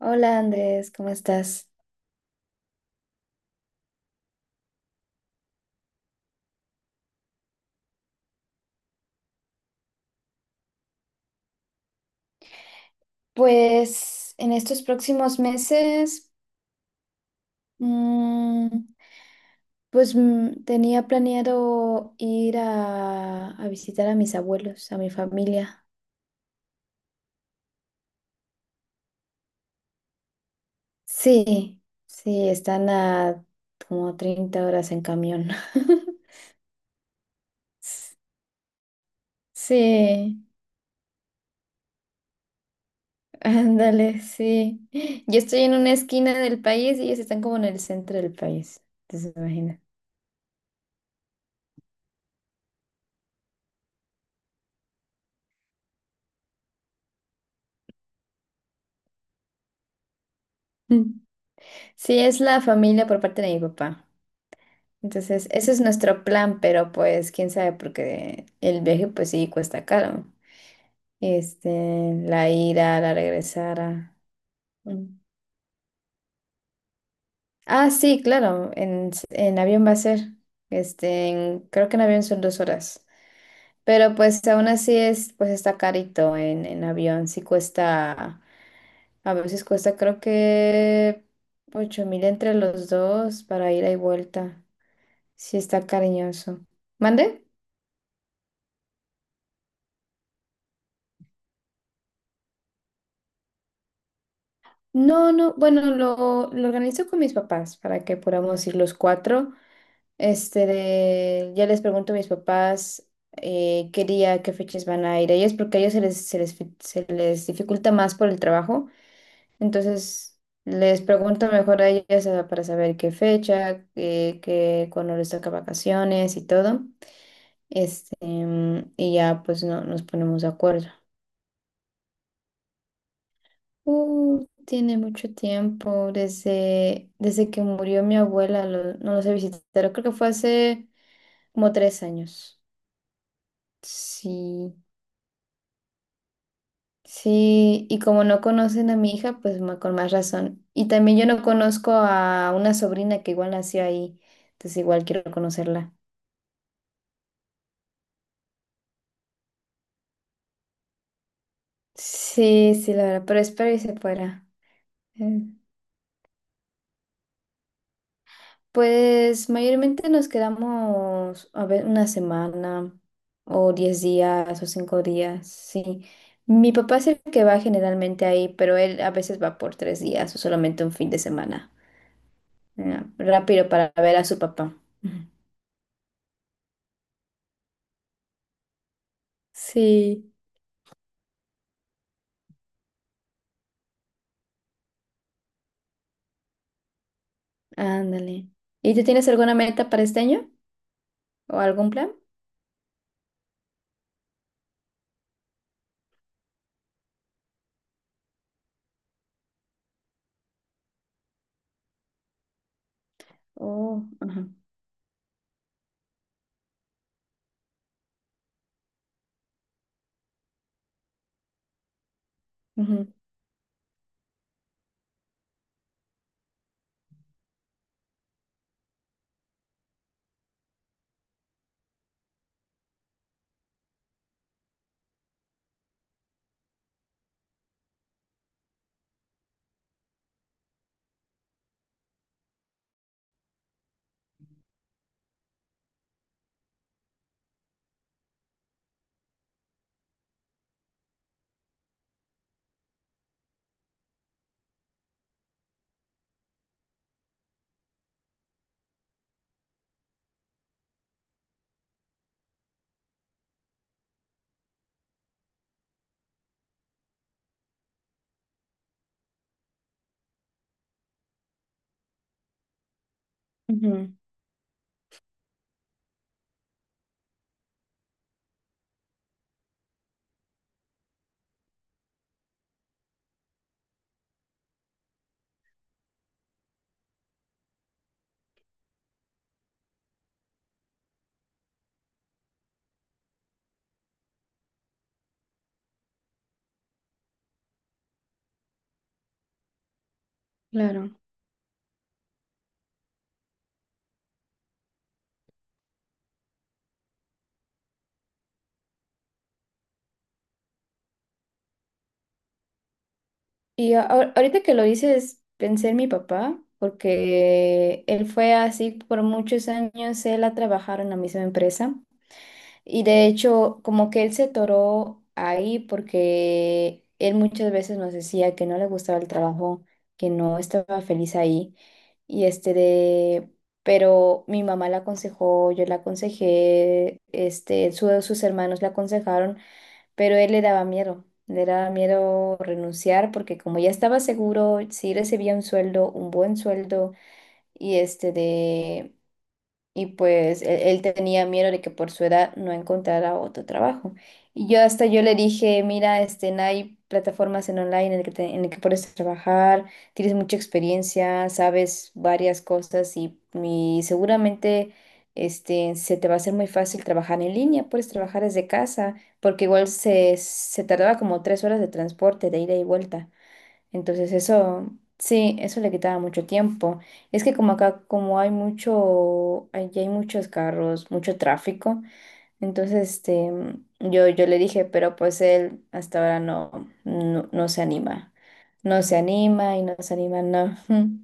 Hola Andrés, ¿cómo estás? Pues en estos próximos meses, mm, pues tenía planeado ir a visitar a mis abuelos, a mi familia. Sí, sí, están a como 30 horas en camión. S- Sí, ándale, sí. Yo estoy en una esquina del país y ellos están como en el centro del país, entonces imagina. Sí, es la familia por parte de mi papá. Entonces, ese es nuestro plan, pero pues quién sabe, porque el viaje pues sí cuesta caro. Este, la ida, la regresada. Mm. Ah, sí, claro, en avión va a ser. Creo que en avión son 2 horas. Pero pues aún así es, pues está carito en avión. Sí cuesta, a veces cuesta creo que 8,000 entre los dos para ida y vuelta. Sí está cariñoso. ¿Mande? No, no, bueno, lo organizo con mis papás para que podamos ir los cuatro. Ya les pregunto a mis papás qué día, qué fechas van a ir ellos, porque a ellos se les dificulta más por el trabajo. Entonces, les pregunto mejor a ellas para saber qué fecha, cuándo les toca vacaciones y todo. Y ya pues no, nos ponemos de acuerdo. Tiene mucho tiempo, desde que murió mi abuela, no los he visitado, creo que fue hace como 3 años. Sí, sí, y como no conocen a mi hija, pues con más razón. Y también yo no conozco a una sobrina que igual nació ahí, entonces igual quiero conocerla. Sí, sí, la verdad, pero espero y se fuera. Pues mayormente nos quedamos, a ver, una semana o 10 días o 5 días, sí. Mi papá es el que va generalmente ahí, pero él a veces va por 3 días o solamente un fin de semana. Ya, rápido para ver a su papá. Ujú. Sí, ándale. ¿Y tú tienes alguna meta para este año? ¿O algún plan? Oh, ajá, ujú, ujú, claro. Y ahorita que lo dices, pensé en mi papá, porque él fue así por muchos años, él ha trabajado en la misma empresa y de hecho como que él se toró ahí porque él muchas veces nos decía que no le gustaba el trabajo, que no estaba feliz ahí y este de, pero mi mamá la aconsejó, yo la aconsejé, sus hermanos la aconsejaron pero él le daba miedo renunciar porque como ya estaba seguro, sí recibía un sueldo, un buen sueldo y este de y pues él tenía miedo de que por su edad no encontrara otro trabajo. Y yo hasta yo le dije, mira, no hay plataformas en online en el que puedes trabajar, tienes mucha experiencia, sabes varias cosas y seguramente se te va a hacer muy fácil trabajar en línea, puedes trabajar desde casa, porque igual se tardaba como 3 horas de transporte, de ida y vuelta. Entonces eso, sí, eso le quitaba mucho tiempo. Es que como acá, como hay mucho, allí hay muchos carros, mucho tráfico, entonces yo le dije, pero pues él hasta ahora no, no, no se anima. No se anima y no se anima, no.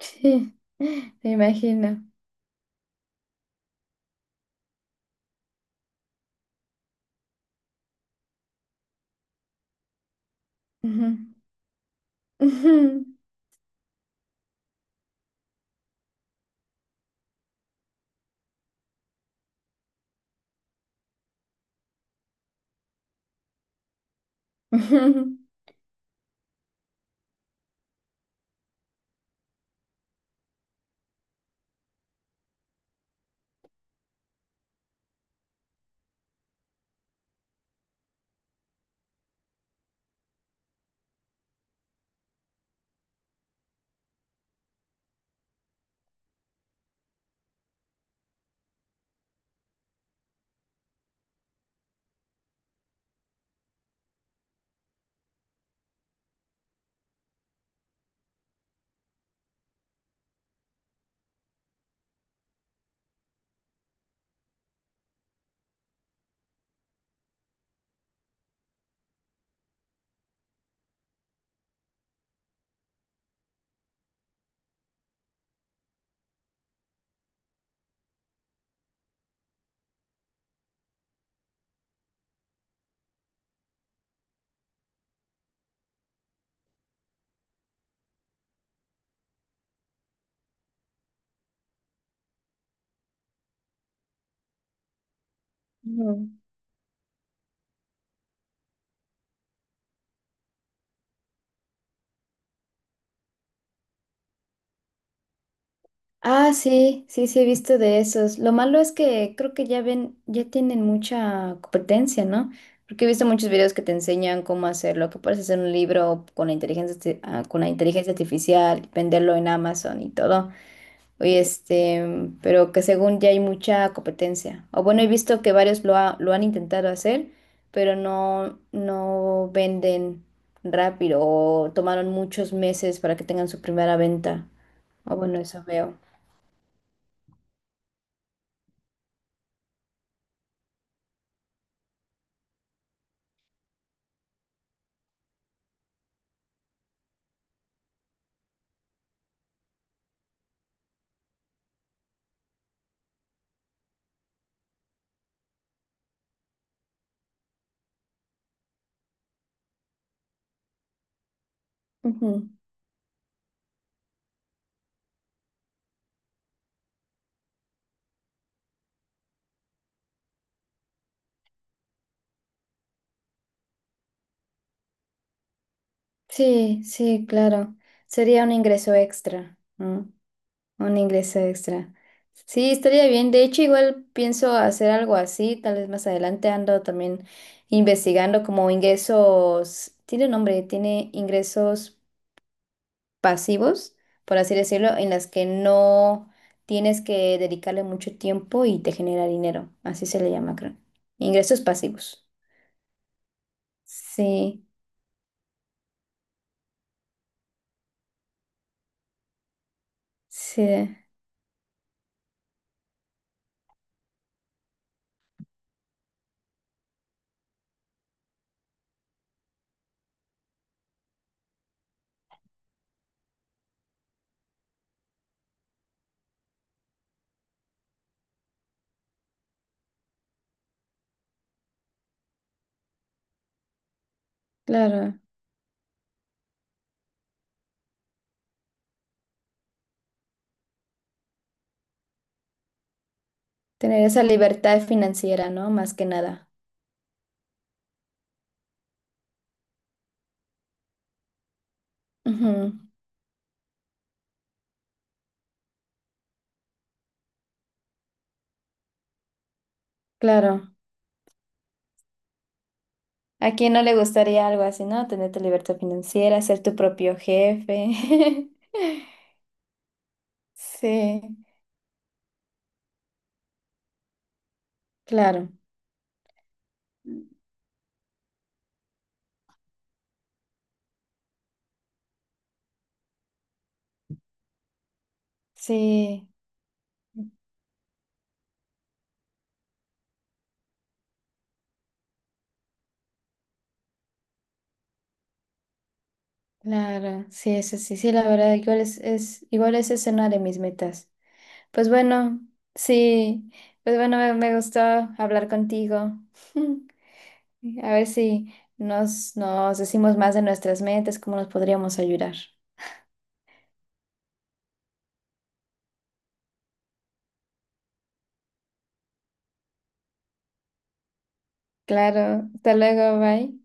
Sí, me imagino. Ujú. Ujú. Ujú. Ah, sí, sí, sí, he visto de esos. Lo malo es que creo que ya tienen mucha competencia, ¿no? Porque he visto muchos videos que te enseñan cómo hacerlo, que puedes hacer un libro con la inteligencia artificial, venderlo en Amazon y todo. Y pero que según ya hay mucha competencia. O bueno, he visto que varios lo han intentado hacer, pero no, no venden rápido o tomaron muchos meses para que tengan su primera venta. O bueno, eso veo. Ujú. Sí, sí, claro. Sería un ingreso extra, ¿no? Un ingreso extra. Sí, estaría bien. De hecho, igual pienso hacer algo así, tal vez más adelante ando también investigando como ingresos, tiene un nombre, tiene ingresos pasivos, por así decirlo, en las que no tienes que dedicarle mucho tiempo y te genera dinero. Así se le llama, creo. Ingresos pasivos. Sí, sí, claro. Tener esa libertad financiera, ¿no? Más que nada. Ujú, claro. ¿A quién no le gustaría algo así, no? Tener tu libertad financiera, ser tu propio jefe. Sí, claro. Sí, claro. Sí, eso sí, sí, la verdad, igual igual esa es una de mis metas. Pues bueno, sí. Pues bueno, me gustó hablar contigo. A ver si nos decimos más de nuestras metas, cómo nos podríamos ayudar. Claro, hasta luego, bye.